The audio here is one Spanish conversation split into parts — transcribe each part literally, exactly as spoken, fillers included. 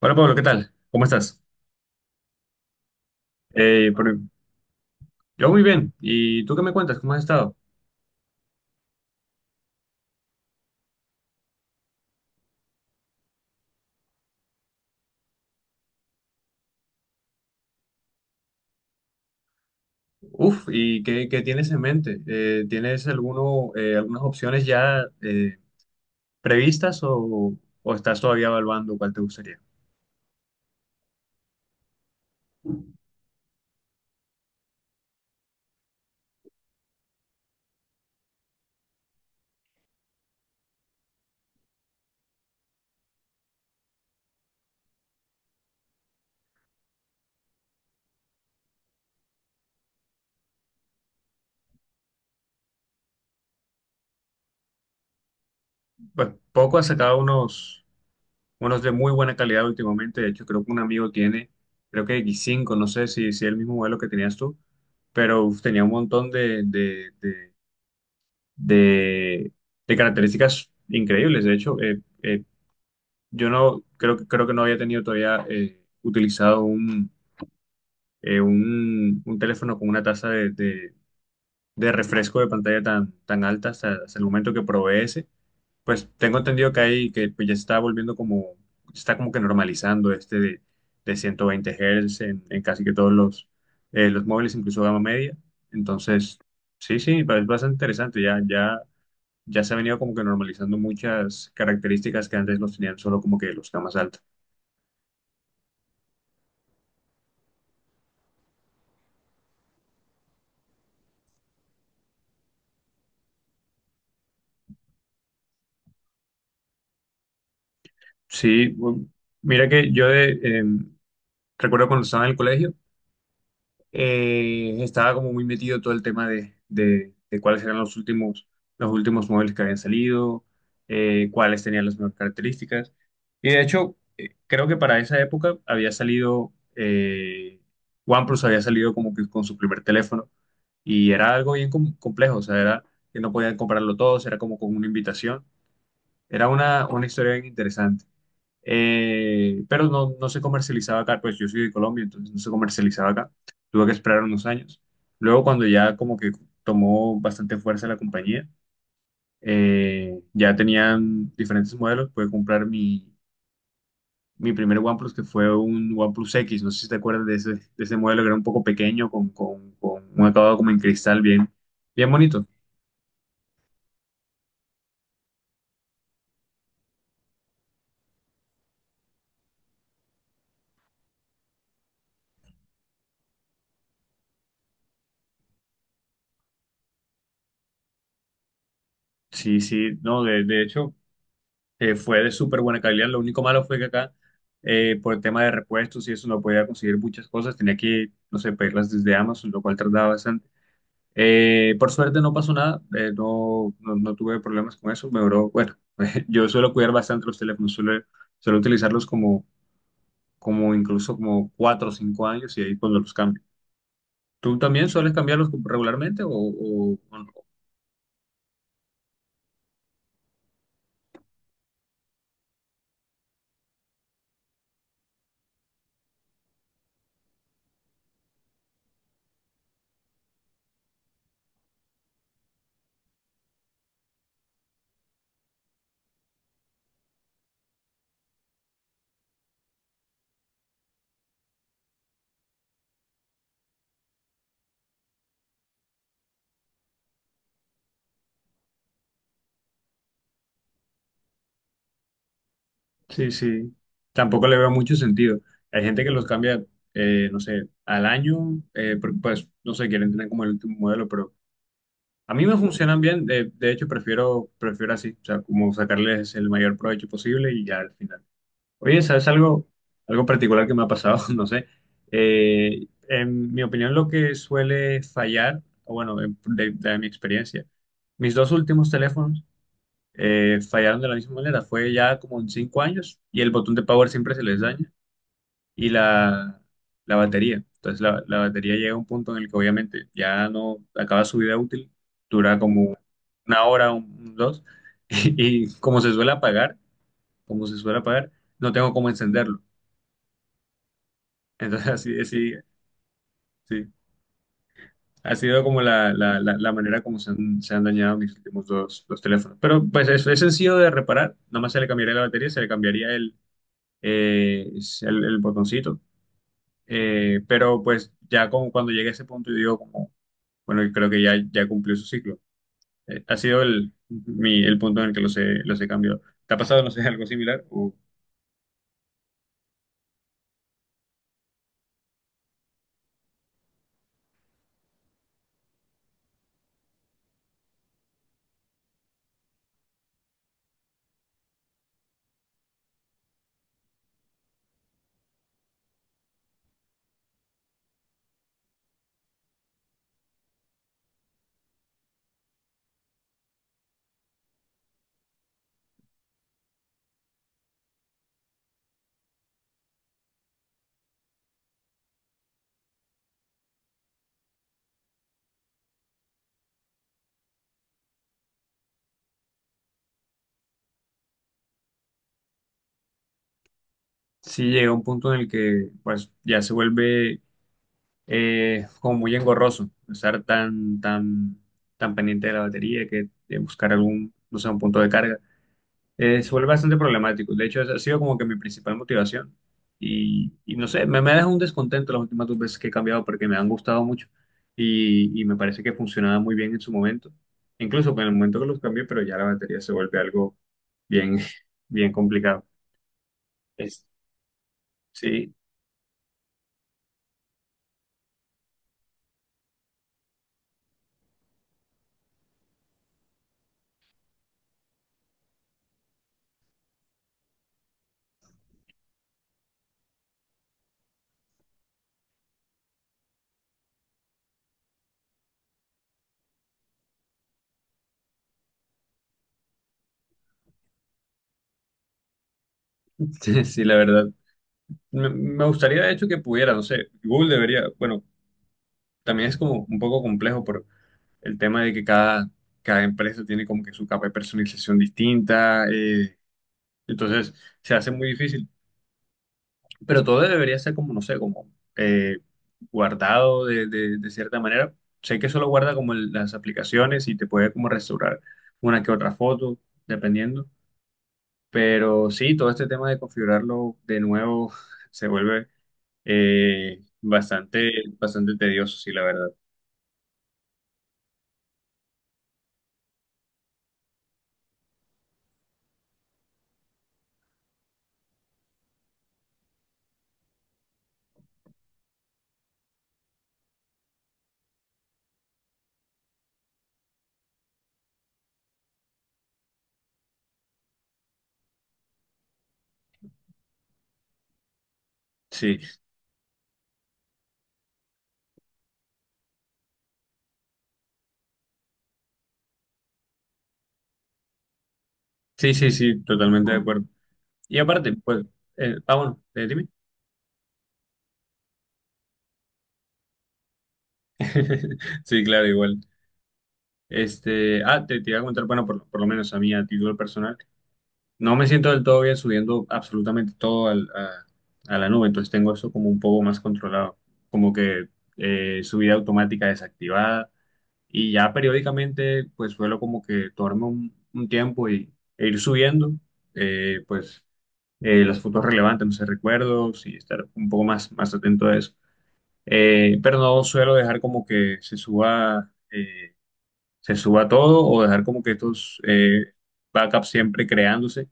Hola Pablo, ¿qué tal? ¿Cómo estás? Eh, por- yo muy bien. ¿Y tú qué me cuentas? ¿Cómo has estado? Uf, ¿y qué, qué tienes en mente? Eh, ¿tienes alguno, eh, algunas opciones ya eh, previstas o, o estás todavía evaluando cuál te gustaría? Pues poco ha sacado unos, unos de muy buena calidad últimamente. De hecho, creo que un amigo tiene, creo que x cinco. No sé si, si el mismo modelo que tenías tú, pero uf, tenía un montón de, de, de, de- de características increíbles. De hecho, eh, eh, yo no creo que creo que no había tenido todavía eh, utilizado un, eh, un, un teléfono con una tasa de, de- de refresco de pantalla tan, tan alta hasta, hasta el momento que probé ese. Pues tengo entendido que hay que pues, ya está volviendo como, está como que normalizando este de, de ciento veinte Hz en, en casi que todos los, eh, los móviles, incluso gama media. Entonces, sí, sí, es bastante interesante. Ya, ya, ya se ha venido como que normalizando muchas características que antes los tenían solo como que los gamas altas. Sí, bu- mira que yo de, em, recuerdo cuando estaba en el colegio, eh, estaba como muy metido todo el tema de, de- de cuáles eran los últimos, los últimos móviles que habían salido, eh, cuáles tenían las mejores características. Y de hecho, eh, creo que para esa época había salido, eh, OnePlus había salido como que con su primer teléfono y era algo bien com- complejo, o sea, era que no podían comprarlo todos, era como con una invitación. Era una, una historia bien interesante eh, pero no, no se comercializaba acá, pues yo soy de Colombia, entonces no se comercializaba acá, tuve que esperar unos años. Luego cuando ya como que tomó bastante fuerza la compañía, eh, ya tenían diferentes modelos, pude comprar mi, mi primer OnePlus, que fue un OnePlus X, no sé si te acuerdas de ese, de ese modelo que era un poco pequeño, con, con, con un acabado como en cristal bien, bien bonito. Sí, sí, no, de, de hecho eh, fue de súper buena calidad. Lo único malo fue que acá, eh, por el tema de repuestos y eso, no podía conseguir muchas cosas. Tenía que, no sé, pedirlas desde Amazon, lo cual tardaba bastante. Eh, por suerte no pasó nada, eh, no, no, no tuve problemas con eso. Me duró, bueno, yo suelo cuidar bastante los teléfonos, suelo, suelo utilizarlos como, como incluso como cuatro o cinco años y ahí cuando los cambio. ¿Tú también sueles cambiarlos regularmente o, o, sí, sí. Tampoco le veo mucho sentido. Hay gente que los cambia, eh, no sé, al año, eh, porque pues, no sé, quieren tener como el último modelo, pero a mí me funcionan bien. De, de hecho, prefiero, prefiero así, o sea, como sacarles el mayor provecho posible y ya al final. Oye, ¿sabes algo, algo particular que me ha pasado? No sé. Eh, en mi opinión, lo que suele fallar, o bueno, en- de de mi experiencia, mis dos últimos teléfonos eh, fallaron de la misma manera. Fue ya como en cinco años y el botón de power siempre se les daña y la, la batería. Entonces la, la batería llega a un punto en el que obviamente ya no acaba su vida útil, dura como una hora, un, un dos, y, y como se suele apagar, como se suele apagar, no tengo cómo encenderlo. Entonces así, así, sí. Ha sido como la, la, la, la manera como se han, se han dañado mis últimos dos, dos teléfonos. Pero pues es, es sencillo de reparar. Nada más se le cambiaría la batería, se le cambiaría el, eh, es el, el botoncito. Eh, pero pues ya como cuando llegué a ese punto, yo digo como, bueno, creo que ya, ya cumplió su ciclo. Eh, ha sido el, mi, el punto en el que los he, los he cambiado. ¿Te ha pasado, no sé, algo similar? O sí llega un punto en el que pues ya se vuelve eh, como muy engorroso estar tan, tan, tan pendiente de la batería que de buscar algún, no sé, un punto de carga. Eh, se vuelve bastante problemático. De hecho, esa ha sido como que mi principal motivación. Y, y no sé, me, me ha dejado un descontento las últimas dos veces que he cambiado porque me han gustado mucho y, y me parece que funcionaba muy bien en su momento. Incluso en el momento que los cambié, pero ya la batería se vuelve algo bien, bien complicado. Es, sí, sí, sí, la verdad. Me, me gustaría, de hecho, que pudiera, no sé, Google debería, bueno, también es como un poco complejo por el tema de que cada, cada empresa tiene como que su capa de personalización distinta. eh, Entonces se hace muy difícil. Pero todo debería ser como, no sé, como eh, guardado de, de- de cierta manera. Sé que solo guarda como el- las aplicaciones y te puede como restaurar una que otra foto, dependiendo. Pero sí, todo este tema de configurarlo de nuevo se vuelve eh, bastante, bastante tedioso, sí, la verdad. Sí, sí, sí, sí, totalmente de acuerdo. Y aparte, pues, eh, ah, bueno, eh, dime. Sí, claro, igual. Este, ah, te, te iba a contar, bueno, por, por lo menos a mí, a título personal, no me siento del todo bien subiendo absolutamente todo al- a, a la nube, entonces tengo eso como un poco más controlado, como que eh, subida automática desactivada y ya periódicamente pues suelo como que tomarme un, un tiempo y, e ir subiendo eh, pues eh, las fotos relevantes, no sé, recuerdos y estar un poco más, más atento a eso. Eh, pero no suelo dejar como que se suba. Eh, se suba todo o dejar como que estos eh, backups siempre creándose.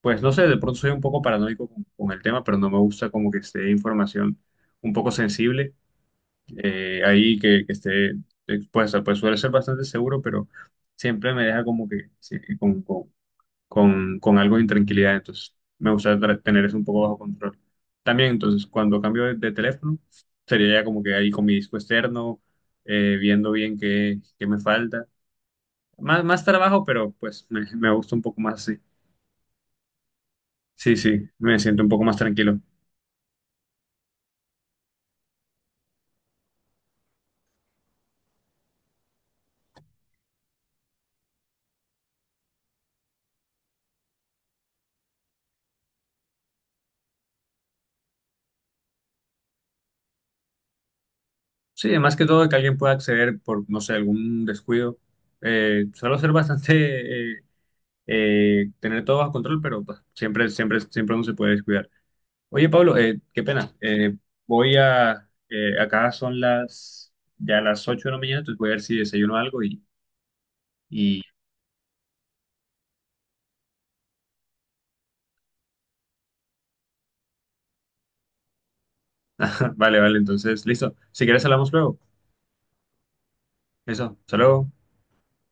Pues no sé, de pronto soy un poco paranoico con, con el tema, pero no me gusta como que esté información un poco sensible eh, ahí que, que esté expuesta. Pues suele ser bastante seguro, pero siempre me deja como que sí, con, con, con, con algo de intranquilidad. Entonces me gusta tra- tener eso un poco bajo control. También, entonces, cuando cambio de, de teléfono, sería ya como que ahí con mi disco externo, eh, viendo bien qué, qué me falta más, más trabajo, pero pues me, me gusta un poco más así. Sí, sí, me siento un poco más tranquilo. Sí, más que todo que alguien pueda acceder por, no sé, algún descuido. Eh, suelo ser bastante, eh, eh, tener todo bajo control, pero pues, siempre, siempre, siempre uno se puede descuidar. Oye, Pablo, eh, qué pena. Eh, voy a, eh, acá son las, ya las ocho de la mañana, entonces voy a ver si desayuno algo y, y, vale, vale, entonces, listo. Si quieres hablamos luego. Eso, hasta luego.